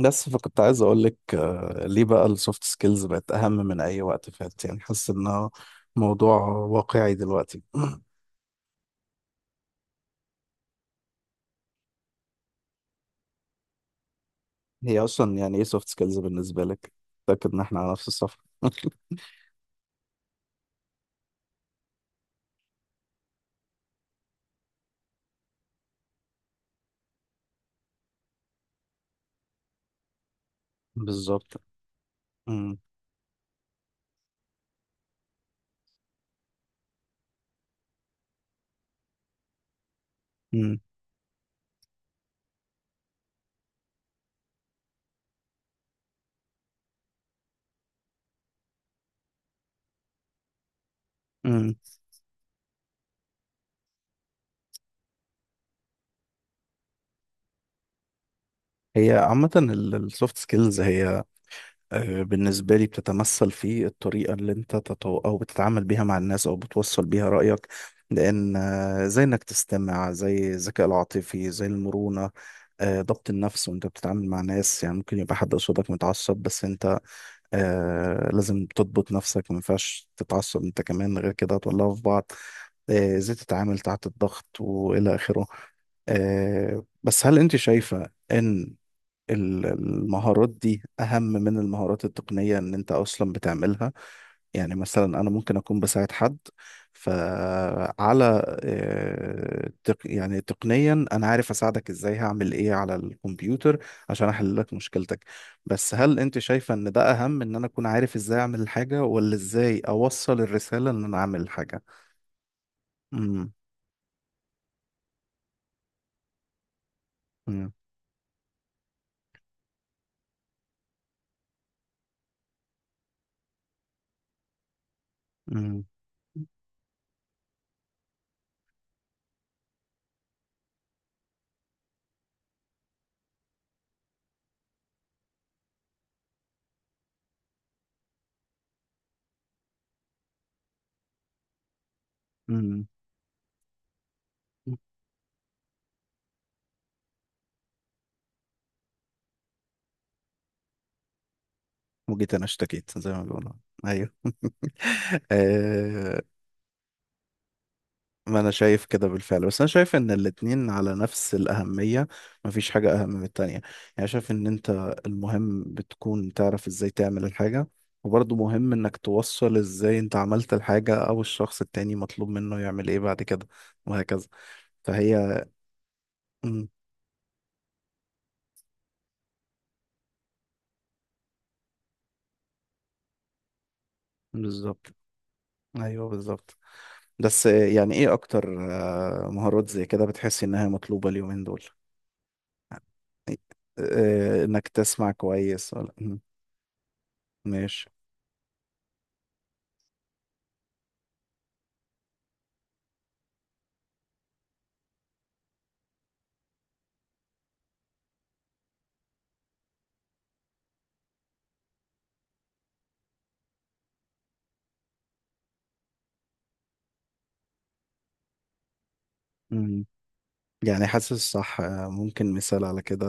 بس فكنت عايز اقول لك ليه بقى السوفت سكيلز بقت اهم من اي وقت فات، يعني حاسس انه موضوع واقعي دلوقتي. هي اصلا يعني ايه سوفت سكيلز بالنسبه لك؟ متاكد ان احنا على نفس الصفحه؟ بالظبط. مم. مم. مم. هي عامه السوفت سكيلز هي، بالنسبة لي، بتتمثل في الطريقة اللي انت تتو... او بتتعامل بيها مع الناس، او بتوصل بيها رأيك. لان، زي انك تستمع، زي الذكاء العاطفي، زي المرونة، ضبط النفس وانت بتتعامل مع ناس. يعني ممكن يبقى حد قصادك متعصب، بس انت لازم تضبط نفسك، ما ينفعش تتعصب انت كمان، غير كده هتولعوا في بعض. ازاي تتعامل تحت الضغط والى اخره. بس هل انت شايفة ان المهارات دي أهم من المهارات التقنية إن أنت أصلا بتعملها؟ يعني مثلا أنا ممكن أكون بساعد حد فعلى، يعني تقنيا أنا عارف أساعدك إزاي، هعمل إيه على الكمبيوتر عشان أحل لك مشكلتك. بس هل أنت شايفة إن ده أهم، إن أنا أكون عارف إزاي أعمل الحاجة، ولا إزاي أوصل الرسالة إن أنا أعمل الحاجة؟ امم امم امم امم. وجيت أنا اشتكيت زي ما بيقولوا. أيوه. آه، ما انا شايف كده بالفعل، بس انا شايف ان الاتنين على نفس الاهمية، مفيش حاجة اهم من التانية. يعني شايف ان انت المهم بتكون تعرف ازاي تعمل الحاجة، وبرضه مهم انك توصل ازاي انت عملت الحاجة، او الشخص التاني مطلوب منه يعمل ايه بعد كده، وهكذا. فهي مم، بالظبط. ايوه بالظبط. بس يعني ايه اكتر مهارات زي كده بتحس انها مطلوبة اليومين دول؟ إيه، انك تسمع كويس، ولا مم، ماشي. يعني حاسس صح. ممكن مثال على كده؟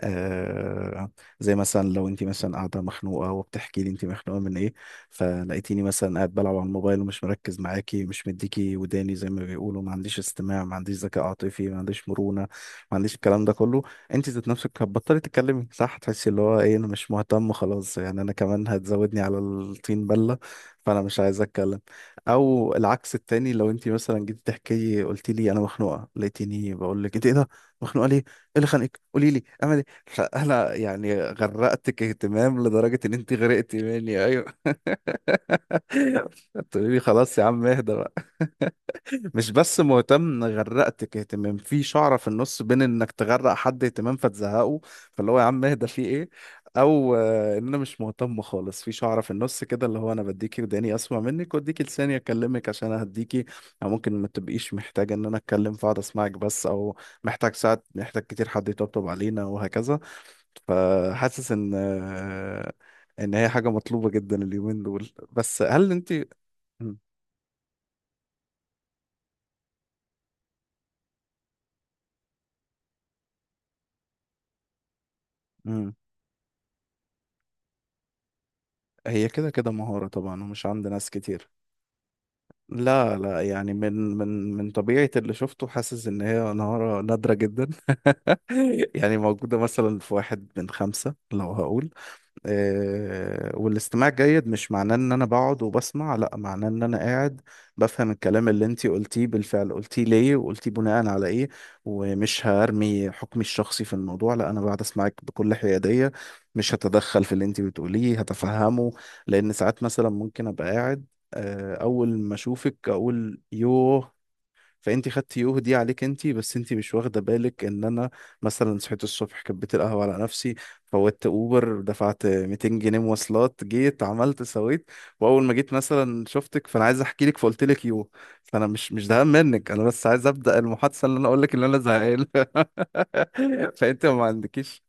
آه، زي مثلا لو انت مثلا قاعده مخنوقه وبتحكي لي انت مخنوقه من ايه، فلقيتيني مثلا قاعد بلعب على الموبايل، ومش مركز معاكي، مش مديكي وداني زي ما بيقولوا، ما عنديش استماع، ما عنديش ذكاء عاطفي، ما عنديش مرونه، ما عنديش الكلام ده كله. انت ذات نفسك هتبطلي تتكلمي، صح؟ تحسي اللي هو ايه، انا مش مهتم خلاص، يعني انا كمان هتزودني على الطين بله، فانا مش عايز اتكلم. او العكس التاني، لو انت مثلا جيت تحكي لي، قلت لي انا مخنوقه، لقيتيني بقول لك انت ايه ده، مخنوقه ليه، ايه اللي خانقك، قولي لي اعمل ايه، فانا يعني غرقتك اهتمام لدرجه ان انت غرقتي مني. ايوه. تقولي لي خلاص يا عم اهدى بقى. مش بس مهتم، غرقتك اهتمام، في شعرة في النص بين انك تغرق حد اهتمام فتزهقه، فاللي هو يا عم اهدى في ايه. او، ان انا مش مهتم خالص، في شعرة في النص كده اللي هو انا بديكي وداني اسمع منك، واديكي لساني اكلمك عشان اهديكي. او ممكن ما تبقيش محتاجة ان انا اتكلم، فاقعد اسمعك بس، او محتاج، ساعات محتاج كتير حد يطبطب علينا، وهكذا. فحاسس ان ان هي حاجة مطلوبة جدا اليومين دول. بس هل انت مم. هي كده كده مهارة طبعا، ومش عند ناس كتير. لا لا، يعني من طبيعة اللي شفته، حاسس إن هي مهارة نادرة جدا. يعني موجودة مثلا في واحد من خمسة لو هقول. والاستماع الجيد مش معناه ان انا بقعد وبسمع، لا، معناه ان انا قاعد بفهم الكلام اللي انتي قلتيه بالفعل، قلتيه ليه، وقلتيه بناء على ايه. ومش هرمي حكمي الشخصي في الموضوع، لا، انا بقعد اسمعك بكل حيادية. مش هتدخل في اللي انتي بتقوليه، هتفهمه. لان ساعات مثلا ممكن ابقى قاعد، اول ما اشوفك اقول يوه، فانت خدتي يوه دي عليك انت، بس انت مش واخده بالك ان انا مثلا صحيت الصبح كبيت القهوه على نفسي، فوتت اوبر، دفعت 200 جنيه مواصلات، جيت عملت سويت، واول ما جيت مثلا شفتك فانا عايز احكي لك، فقلت لك يوه. فانا مش زهقان منك، انا بس عايز ابدا المحادثه اللي انا اقول لك ان انا زهقان. فانت ما عندكيش،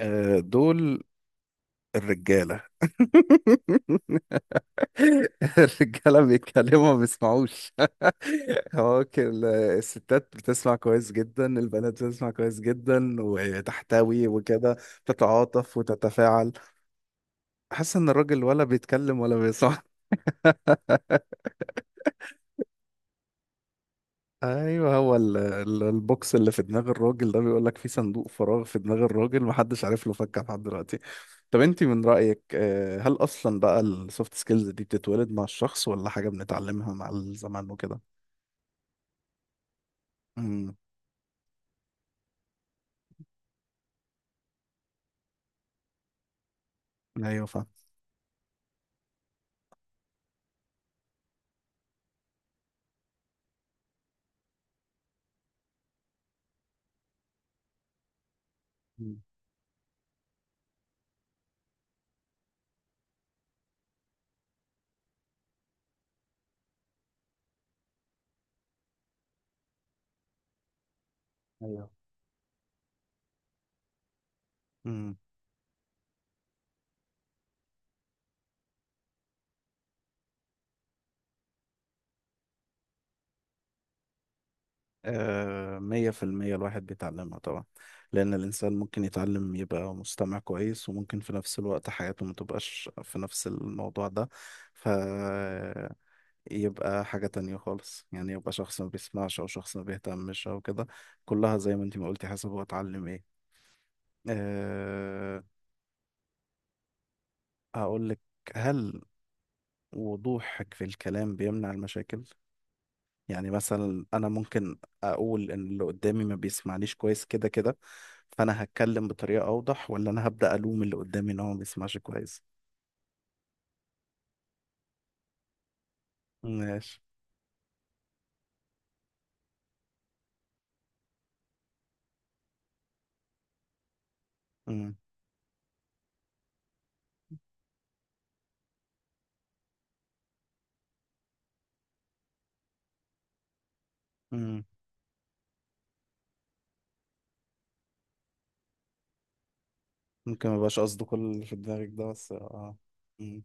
دول الرجاله. الرجاله بيتكلموا ما بيسمعوش. هو كان الستات بتسمع كويس جدا، البنات بتسمع كويس جدا وتحتوي وكده، تتعاطف وتتفاعل. حاسس ان الراجل ولا بيتكلم ولا بيسمع. ايوه، هو البوكس اللي في دماغ الراجل ده بيقول لك، في صندوق فراغ في دماغ الراجل محدش عارف له فكه لحد دلوقتي. طب انت من رأيك، هل اصلا بقى السوفت سكيلز دي بتتولد مع الشخص، ولا حاجة بنتعلمها مع الزمان وكده؟ ايوه فاهم. مم. ايوه. امم. آه، مية في المية الواحد بيتعلمها طبعا. لأن الإنسان ممكن يتعلم يبقى مستمع كويس، وممكن في نفس الوقت حياته ما تبقاش في نفس الموضوع ده، ف يبقى حاجة تانية خالص. يعني يبقى شخص ما بيسمعش، أو شخص ما بيهتمش، أو كده. كلها زي ما انتي ما قلتي، حسب هو اتعلم ايه. أه. هقولك، هل وضوحك في الكلام بيمنع المشاكل؟ يعني مثلا انا ممكن اقول ان اللي قدامي ما بيسمعنيش كويس كده كده، فانا هتكلم بطريقة اوضح، ولا انا هبدأ الوم اللي قدامي ان هو ما بيسمعش كويس؟ ماشي. مم. مم. ممكن ما يبقاش قصده كل اللي في دماغك ده، بس اه. مم.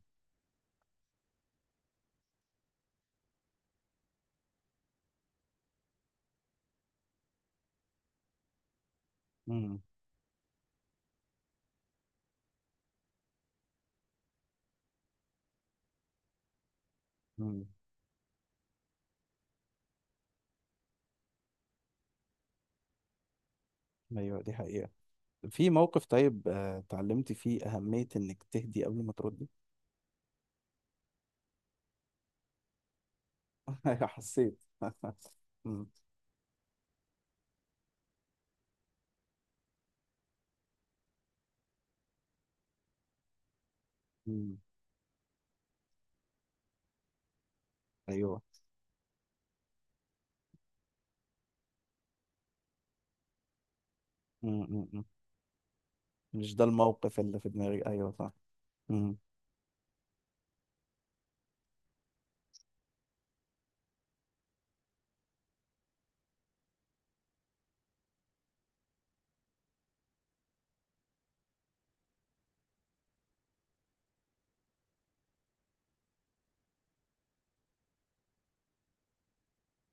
مم. مم. ايوه دي حقيقة. في موقف طيب اتعلمت فيه أهمية إنك تهدي قبل ما تردي؟ أيوة، حسيت. مم. مم. أيوه. مم. مش ده الموقف اللي في دماغي، أيوه صح. مم.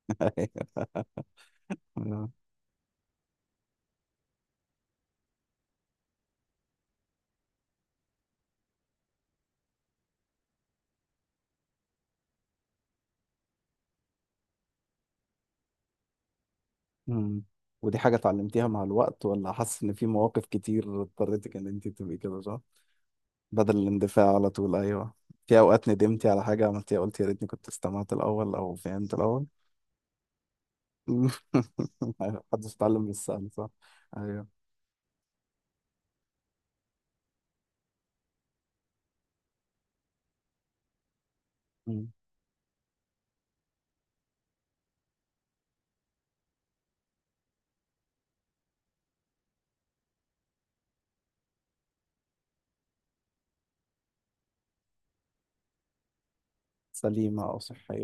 أيوه. مم. ودي حاجة اتعلمتيها مع الوقت، ولا حاسس إن في مواقف كتير اضطريتك إن أنت تبقي كده صح؟ بدل الاندفاع على طول. أيوه. في أوقات ندمتي على حاجة عملتيها، قلت يا ريتني كنت استمعت الأول أو فهمت الأول؟ محدش اتعلم بالسهل، صح؟ أيوه. مم. سليمة أو صحية.